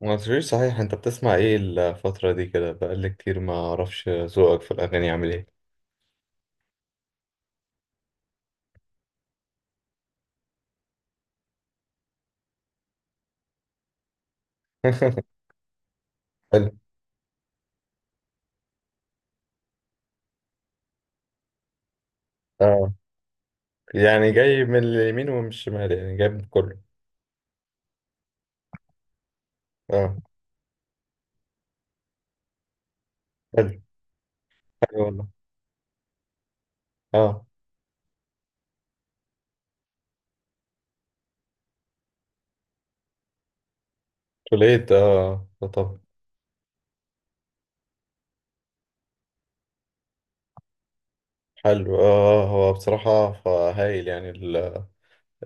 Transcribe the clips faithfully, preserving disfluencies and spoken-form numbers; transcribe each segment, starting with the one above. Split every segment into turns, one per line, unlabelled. ما قلتليش صحيح، انت بتسمع ايه الفترة دي؟ كده بقالي كتير ما اعرفش ذوقك في الاغاني عامل ايه. حلو. اه. يعني جاي من اليمين ومن الشمال، يعني جاي من كله. اه. حلو. حلو والله. اه. توليت، اه، آه، طب. حلو، اه، آه، هو بصراحة هايل، يعني ال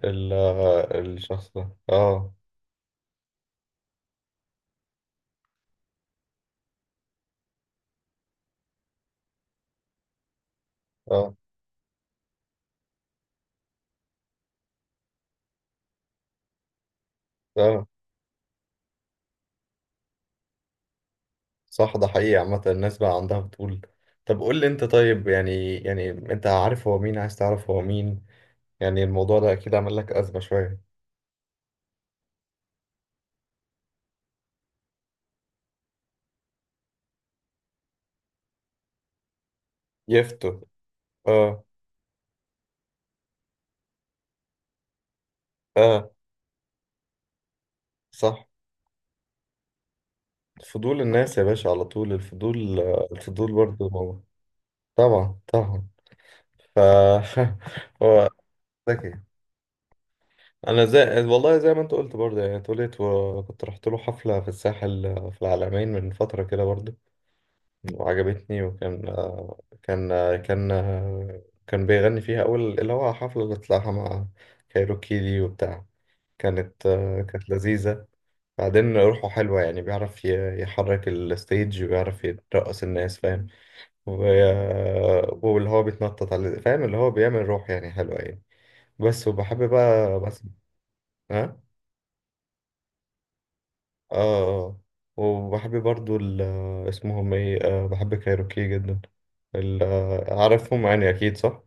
ال آه، الشخص ده. اه. اه. اه. صح، ده حقيقي. عامة الناس بقى عندها بتقول. طب قول لي انت، طيب يعني، يعني انت عارف هو مين؟ عايز تعرف هو مين؟ يعني الموضوع ده اكيد عمل لك ازمة شوية. يفتو. اه. اه. صح. فضول الناس يا باشا، على طول الفضول، آه، الفضول برضه موجود. طبعا طبعا. ف هو ذكي. انا زي، والله زي ما انت قلت برضه، يعني اتولدت وكنت رحت له حفلة في الساحل، آه، في العلمين من فترة كده برضه. وعجبتني وكان آه، كان آه، كان آه، كان بيغني فيها اول، اللي هو حفلة اللي طلعها مع كايروكي دي وبتاع. كانت آه، كانت لذيذة. بعدين روحه حلوة، يعني بيعرف ي- يحرك الستيج وبيعرف يرقص الناس، فاهم؟ و- واللي هو بيتنطط على، فاهم؟ اللي هو بيعمل روح يعني حلوة يعني. بس وبحب بقى. بس. ها. اه. اه. وبحب برضو ال- اسمهم ايه، آه، بحب كايروكي جدا. ال- آه، عارفهم يعني اكيد، صح؟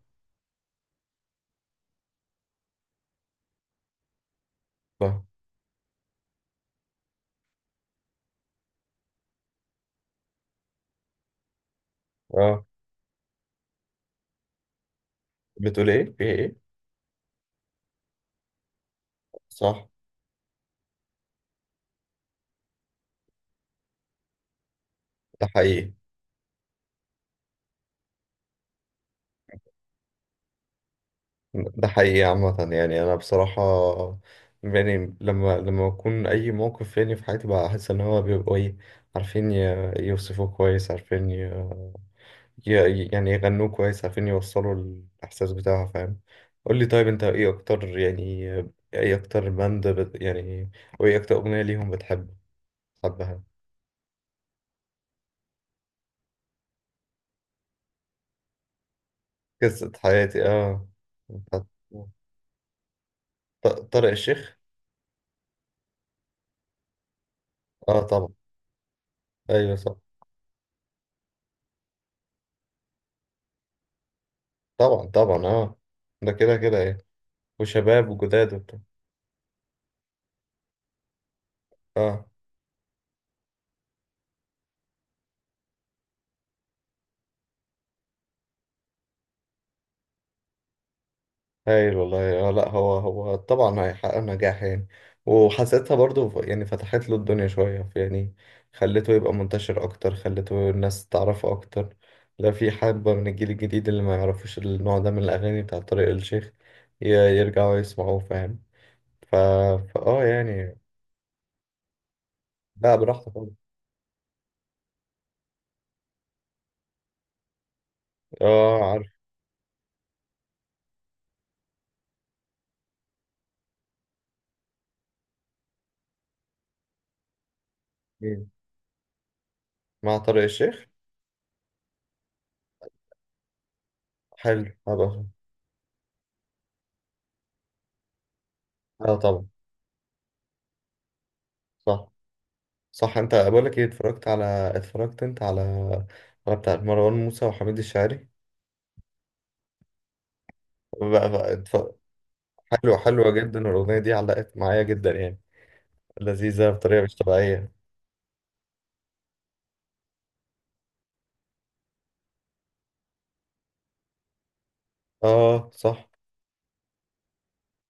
صح. اه. بتقول ايه؟ في ايه؟ صح، ده حقيقي. ده حقيقي. عامة يعني أنا بصراحة، يعني لما لما بكون أي موقف يعني في حياتي، بحس إن هو بيبقوا إيه، عارفين ي- يوصفوه كويس، عارفين ي... ي... يعني يغنوه كويس، عارفين يوصلوا الإحساس بتاعها، فاهم؟ قول لي طيب، أنت إيه أكتر يعني، إيه أكتر باند بت... يعني وإيه أكتر أغنية ليهم بتحب بتحبها؟ قصة حياتي، آه. بتاعت. ط- طارق الشيخ. آه طبعا. أيوه صح. طبعا طبعا، آه. ده كده كده يعني. وشباب وجداد وبتاع. اه. هايل والله. اه. لا، هو هو طبعا هيحقق نجاح يعني. وحسيتها برضو، ف- يعني فتحت له الدنيا شوية يعني، خلته يبقى منتشر أكتر، خلته الناس تعرفه أكتر. لا، في حبة من الجيل الجديد اللي ما يعرفوش النوع ده من الأغاني بتاع طارق الشيخ، ي- يرجعوا يسمعوه، فاهم؟ ف... فآه يعني. لا براحته طبعا. اه عارف. مين؟ مع طارق الشيخ؟ حلو هبقى. اه طبعا. صح. صح. انت بقول لك ايه، اتفرجت على، اتفرجت انت على، على بتاع مروان موسى وحميد الشاعري بقى بقى اتف... حلوة، حلوة جدا. الأغنية دي علقت معايا جدا يعني، لذيذة بطريقة مش طبيعية. اه صح.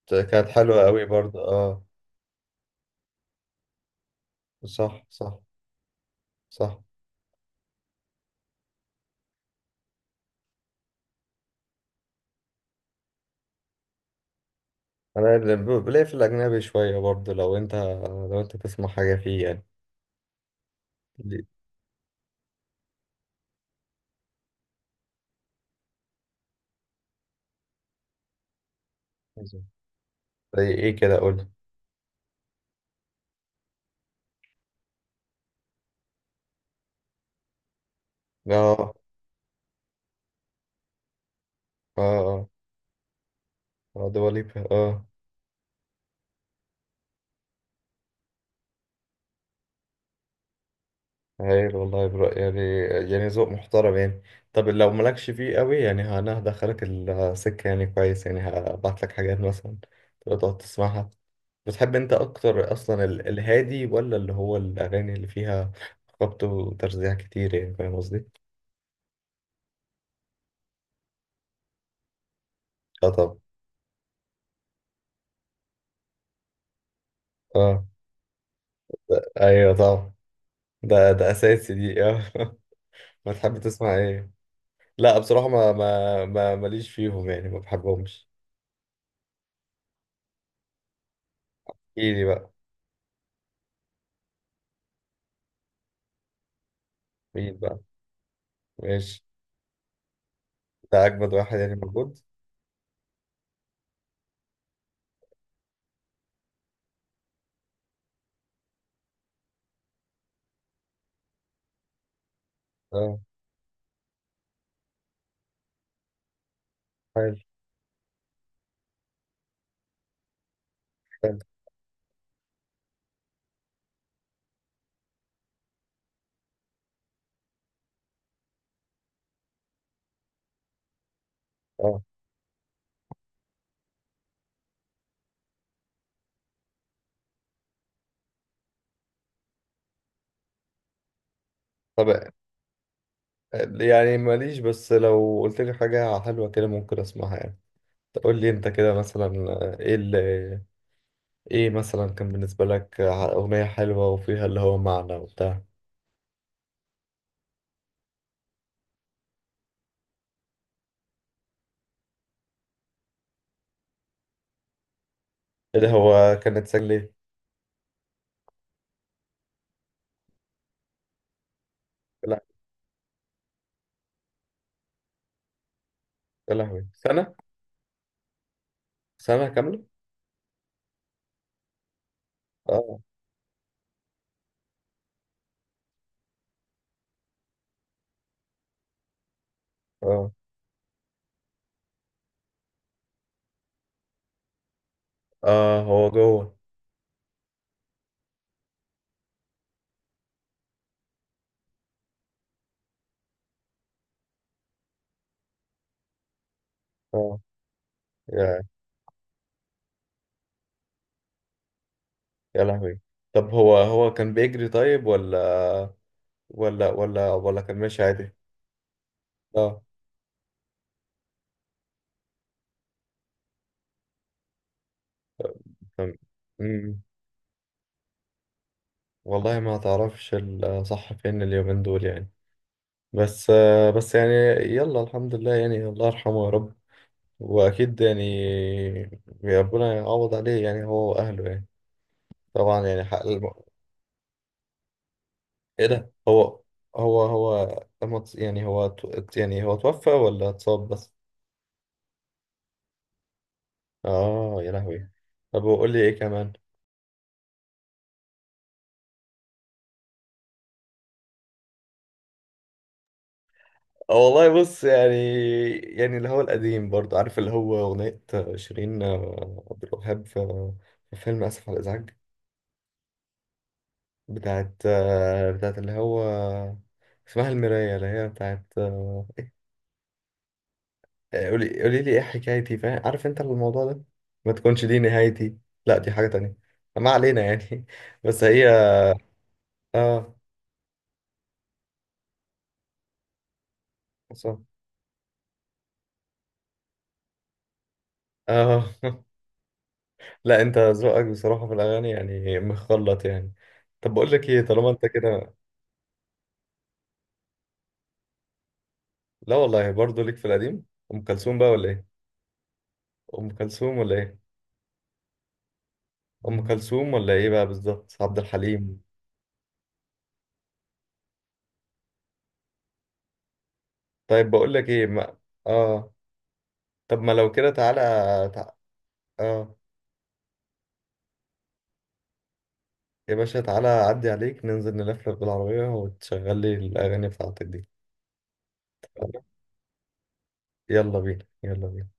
كانت حلوة قوي برضه، اه. صح صح. صح. انا اللي ب- بلاقي في الأجنبي شوية برضه، لو انت، لو انت تسمع حاجة فيه يعني. ليه؟ زي ايه كده، قول. اه. اه. اه. آه، دواليبا، اه. هايل والله، برو يعني، يعني ذوق محترم يعني. طب لو مالكش فيه قوي يعني، ه- انا هدخلك السكة يعني كويس، يعني هبعت لك حاجات مثلا تبقى تقعد تسمعها. بتحب انت اكتر اصلا ال- الهادي، ولا اللي هو الاغاني اللي فيها خبط وترزيع كتير، يعني فاهم قصدي؟ اه طبعا. اه. ايوه طبعا، ده ده اساسي دي، اه. بتحب تسمع ايه؟ لا بصراحة، ما ما ما ماليش فيهم يعني، ما بحبهمش. ايه بقى؟ مين بقى؟ ماشي. ده اجمد واحد يعني موجود. آه. عارف. حلو. اه. طب يعني ماليش، بس لو قلت لي حاجة حلوة كده ممكن اسمعها يعني. تقول لي انت كده مثلا، ايه اللي، ايه مثلا كان بالنسبة لك اغنية حلوة وفيها اللي هو معنى وبتاع. ايه ده، هو كانت سجلة؟ لا. يا لهوي، سنة؟ سنة كاملة. اه. اه. اه، هو جوه. اه. يا يا لهوي. طب هو، هو كان بيجري طيب، ولا ولا ولا ولا كان ماشي عادي؟ اه تمام. امم. والله ما تعرفش الصح فين اليومين دول يعني، بس آه، بس يعني يلا الحمد لله يعني، الله يرحمه يا رب، واكيد يعني ربنا يعوض عليه يعني، هو واهله يعني. طبعا يعني حق الم... ايه ده، هو هو هو لما ت- يعني هو ت- يعني هو توفى ولا اتصاب بس؟ اه يا لهوي. طب وقول لي ايه كمان. اه والله بص يعني، يعني اللي هو القديم برضه، عارف اللي هو اغنية شيرين، آه، عبد الوهاب في، في فيلم اسف على الازعاج، بتاعت آه، بتاعت اللي هو اسمها المراية، اللي هي بتاعت آه، قولي، قولي لي ايه حكايتي، فاهم، عارف انت الموضوع ده؟ ما تكونش دي نهايتي. لا دي حاجة تانية، ما علينا يعني. بس هي، اه. صح. اه. لا انت ذوقك بصراحة في الاغاني يعني مخلط يعني. طب بقول لك ايه، طالما انت كده. لا والله برضه ليك في القديم. ام كلثوم بقى ولا ايه؟ ام كلثوم ولا ايه؟ ام كلثوم ولا ايه بقى بالظبط؟ عبد الحليم. طيب بقول لك ايه ما... اه. طب ما لو كده تعالى، تع... اه، يا باشا تعالى أعدي عليك، ننزل نلفلف بالعربية وتشغل لي الأغاني بتاعتك دي. يلا بينا، يلا بينا.